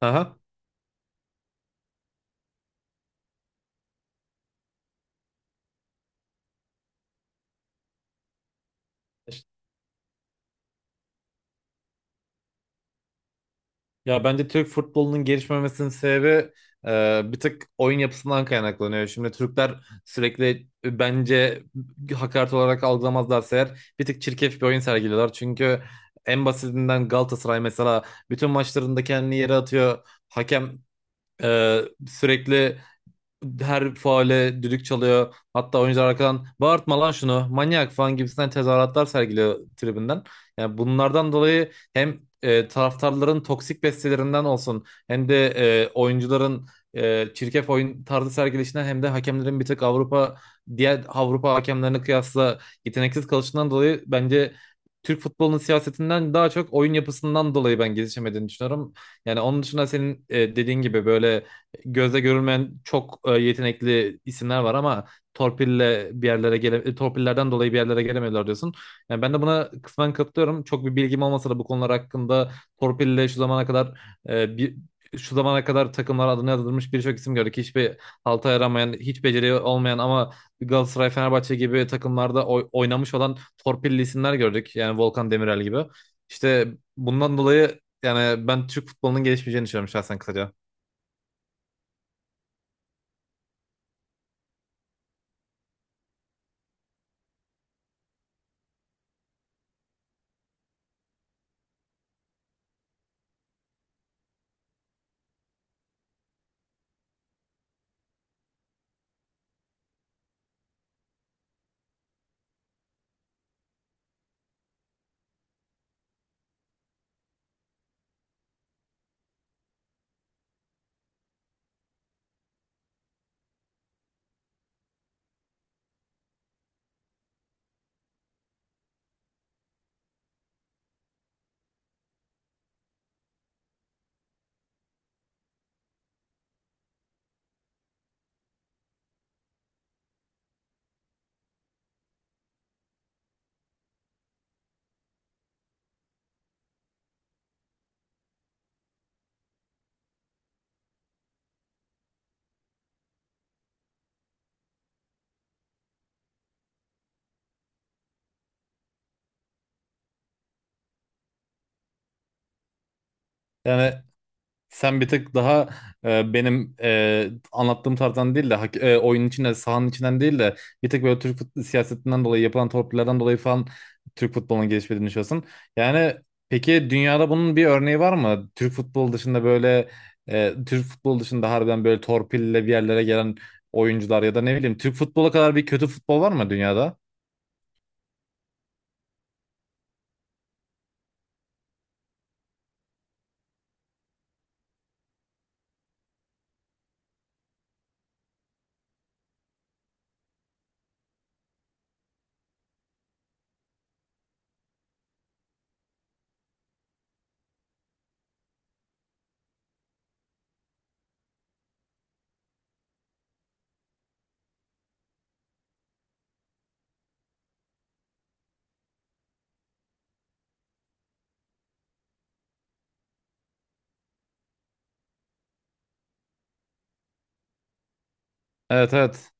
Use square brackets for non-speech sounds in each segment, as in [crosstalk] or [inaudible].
Aha. Ya bence Türk futbolunun gelişmemesinin sebebi bir tık oyun yapısından kaynaklanıyor. Şimdi Türkler sürekli bence hakaret olarak algılamazlarsa eğer bir tık çirkef bir oyun sergiliyorlar. Çünkü en basitinden Galatasaray mesela bütün maçlarında kendini yere atıyor. Hakem e, sürekli her faale düdük çalıyor. Hatta oyuncular arkadan bağırtma lan şunu manyak falan gibisinden tezahüratlar sergiliyor tribünden. Yani bunlardan dolayı hem taraftarların toksik bestelerinden olsun hem de oyuncuların çirkef oyun tarzı sergilişinden hem de hakemlerin bir tık diğer Avrupa hakemlerine kıyasla yeteneksiz kalışından dolayı bence Türk futbolunun siyasetinden daha çok oyun yapısından dolayı ben gelişemediğini düşünüyorum. Yani onun dışında senin dediğin gibi böyle gözle görülmeyen çok yetenekli isimler var ama torpillerden dolayı bir yerlere gelemiyorlar diyorsun. Yani ben de buna kısmen katılıyorum. Çok bir bilgim olmasa da bu konular hakkında torpille şu zamana kadar e, bir şu zamana kadar takımlara adını yazdırmış birçok isim gördük. Hiçbir halta yaramayan, hiç beceri olmayan ama Galatasaray, Fenerbahçe gibi takımlarda oynamış olan torpilli isimler gördük. Yani Volkan Demirel gibi. İşte bundan dolayı yani ben Türk futbolunun gelişmeyeceğini düşünüyorum şahsen kısaca. Yani sen bir tık daha benim anlattığım tarzdan değil de oyunun içinde sahanın içinden değil de bir tık böyle siyasetinden dolayı yapılan torpillerden dolayı falan Türk futbolunun gelişmediğini düşünüyorsun. Yani peki dünyada bunun bir örneği var mı? Türk futbolu dışında harbiden böyle torpille bir yerlere gelen oyuncular ya da ne bileyim Türk futbolu kadar bir kötü futbol var mı dünyada? Evet, evet.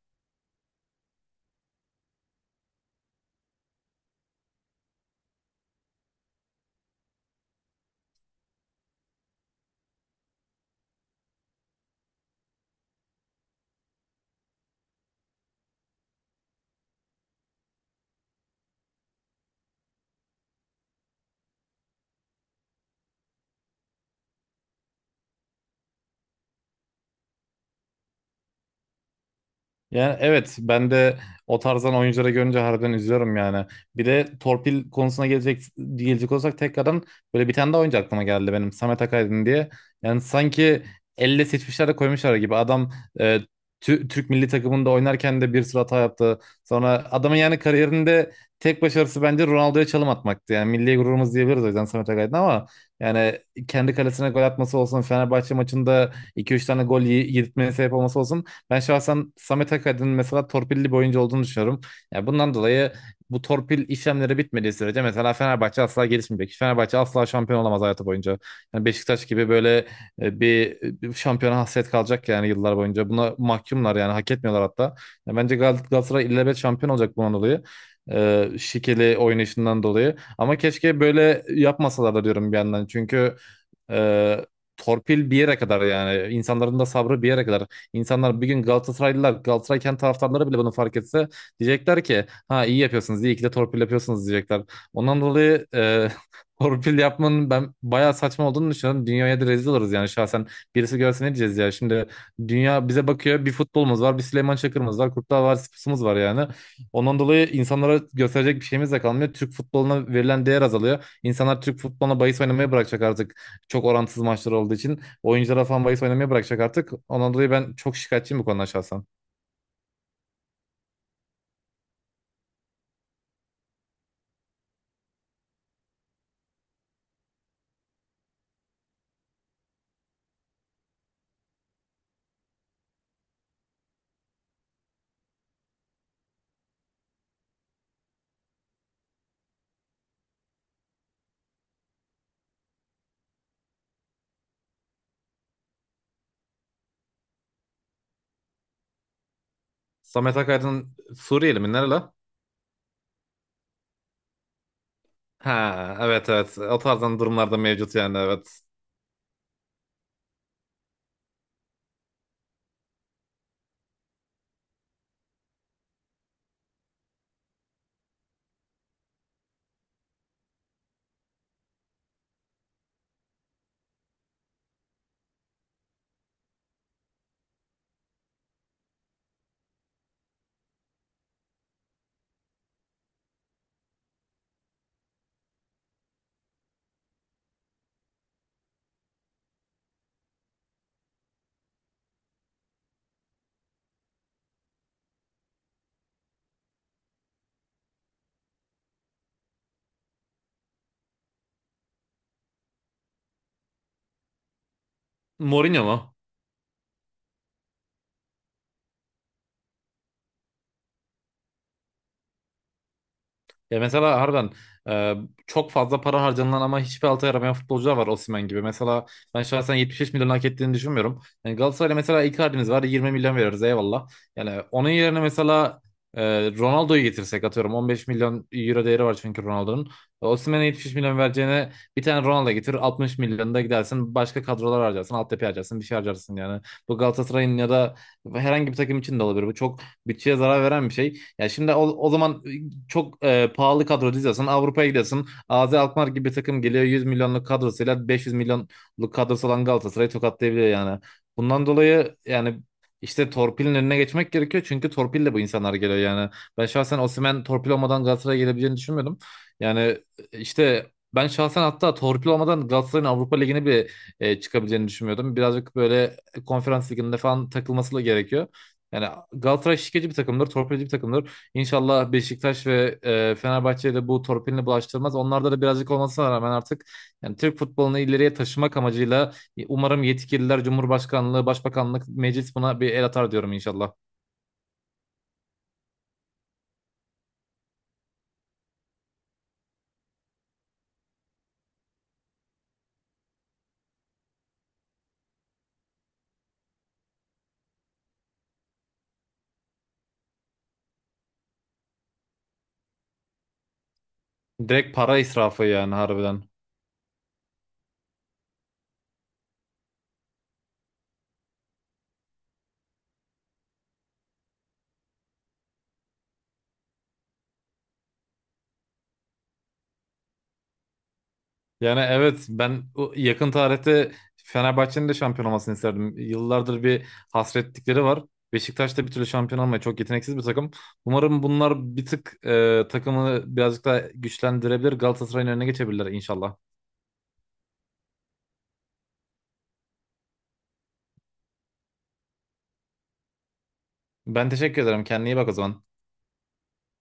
Yani evet, ben de o tarzdan oyuncuları görünce harbiden üzülüyorum yani. Bir de torpil konusuna gelecek olsak tekrardan böyle bir tane daha oyuncu aklıma geldi benim Samet Akaydın diye. Yani sanki elle seçmişler de koymuşlar gibi. Adam e, Türk milli takımında oynarken de bir sürü hata yaptı. Sonra adamın yani kariyerinde tek başarısı bence Ronaldo'ya çalım atmaktı. Yani milli gururumuz diyebiliriz o yüzden Samet Akaydın ama yani kendi kalesine gol atması olsun, Fenerbahçe maçında iki üç tane gol yedirtmeye sebep olması olsun, ben şahsen Samet Akaydın'ın mesela torpilli bir oyuncu olduğunu düşünüyorum. Yani bundan dolayı bu torpil işlemleri bitmediği sürece mesela Fenerbahçe asla gelişmeyecek. Fenerbahçe asla şampiyon olamaz hayatı boyunca. Yani Beşiktaş gibi böyle bir şampiyona hasret kalacak yani yıllar boyunca. Buna mahkumlar yani, hak etmiyorlar hatta. Yani bence Galatasaray illebet şampiyon olacak bundan dolayı. Şikeli oynayışından dolayı. Ama keşke böyle yapmasalar da diyorum bir yandan. Çünkü e, torpil bir yere kadar, yani insanların da sabrı bir yere kadar. İnsanlar bir gün, Galatasaraylılar, Galatasaray kendi taraftarları bile bunu fark etse, diyecekler ki ha iyi yapıyorsunuz, iyi ki de torpil yapıyorsunuz diyecekler. Ondan dolayı [laughs] torpil yapmanın ben bayağı saçma olduğunu düşünüyorum. Dünyaya da rezil oluruz yani şahsen. Birisi görse ne diyeceğiz ya? Şimdi dünya bize bakıyor. Bir futbolumuz var, bir Süleyman Çakır'ımız var, Kurtlar Vadisi'miz var yani. Ondan dolayı insanlara gösterecek bir şeyimiz de kalmıyor. Türk futboluna verilen değer azalıyor. İnsanlar Türk futboluna bahis oynamayı bırakacak artık. Çok orantısız maçlar olduğu için. Oyunculara falan bahis oynamaya bırakacak artık. Ondan dolayı ben çok şikayetçiyim bu konuda şahsen. Samet Akaydın Suriyeli mi? Nereli? Ha, evet evet. O tarzdan durumlarda mevcut yani, evet. Mourinho mu? Ya mesela harbiden e, çok fazla para harcanılan ama hiçbir alta yaramayan futbolcular var Osimhen gibi. Mesela ben şahsen 75 milyon hak ettiğini düşünmüyorum. Yani Galatasaray'la mesela Icardi'miz var, 20 milyon veririz eyvallah. Yani onun yerine mesela e, Ronaldo'yu getirsek atıyorum 15 milyon euro değeri var çünkü Ronaldo'nun. Osimhen'e 75 milyon vereceğine bir tane Ronaldo getir, 60 milyonu da gidersin, başka kadrolar harcarsın, altyapı harcarsın, bir şey harcarsın yani. Bu Galatasaray'ın ya da herhangi bir takım için de olabilir. Bu çok bütçeye zarar veren bir şey. Ya şimdi o zaman çok pahalı kadro diziyorsun. Avrupa'ya gidiyorsun. AZ Alkmaar gibi bir takım geliyor 100 milyonluk kadrosuyla 500 milyonluk kadrosu olan Galatasaray'ı tokatlayabiliyor yani. Bundan dolayı yani işte torpilin önüne geçmek gerekiyor. Çünkü torpille bu insanlar geliyor yani. Ben şahsen Osimhen torpil olmadan Galatasaray'a gelebileceğini düşünmüyordum. Yani e, işte ben şahsen hatta torpil olmadan Galatasaray'ın Avrupa Ligi'ne çıkabileceğini düşünmüyordum. Birazcık böyle konferans liginde falan takılması da gerekiyor. Yani Galatasaray şişkeci bir takımdır, torpilci bir takımdır. İnşallah Beşiktaş ve Fenerbahçe'ye de bu torpilini bulaştırmaz. Onlarda da birazcık olmasına rağmen artık yani Türk futbolunu ileriye taşımak amacıyla umarım yetkililer, Cumhurbaşkanlığı, Başbakanlık, Meclis buna bir el atar diyorum inşallah. Direkt para israfı yani harbiden. Yani evet, ben o yakın tarihte Fenerbahçe'nin de şampiyon olmasını isterdim. Yıllardır bir hasretlikleri var. Beşiktaş da bir türlü şampiyon olmuyor. Çok yeteneksiz bir takım. Umarım bunlar bir tık takımı birazcık daha güçlendirebilir. Galatasaray'ın önüne geçebilirler inşallah. Ben teşekkür ederim. Kendine iyi bak o zaman.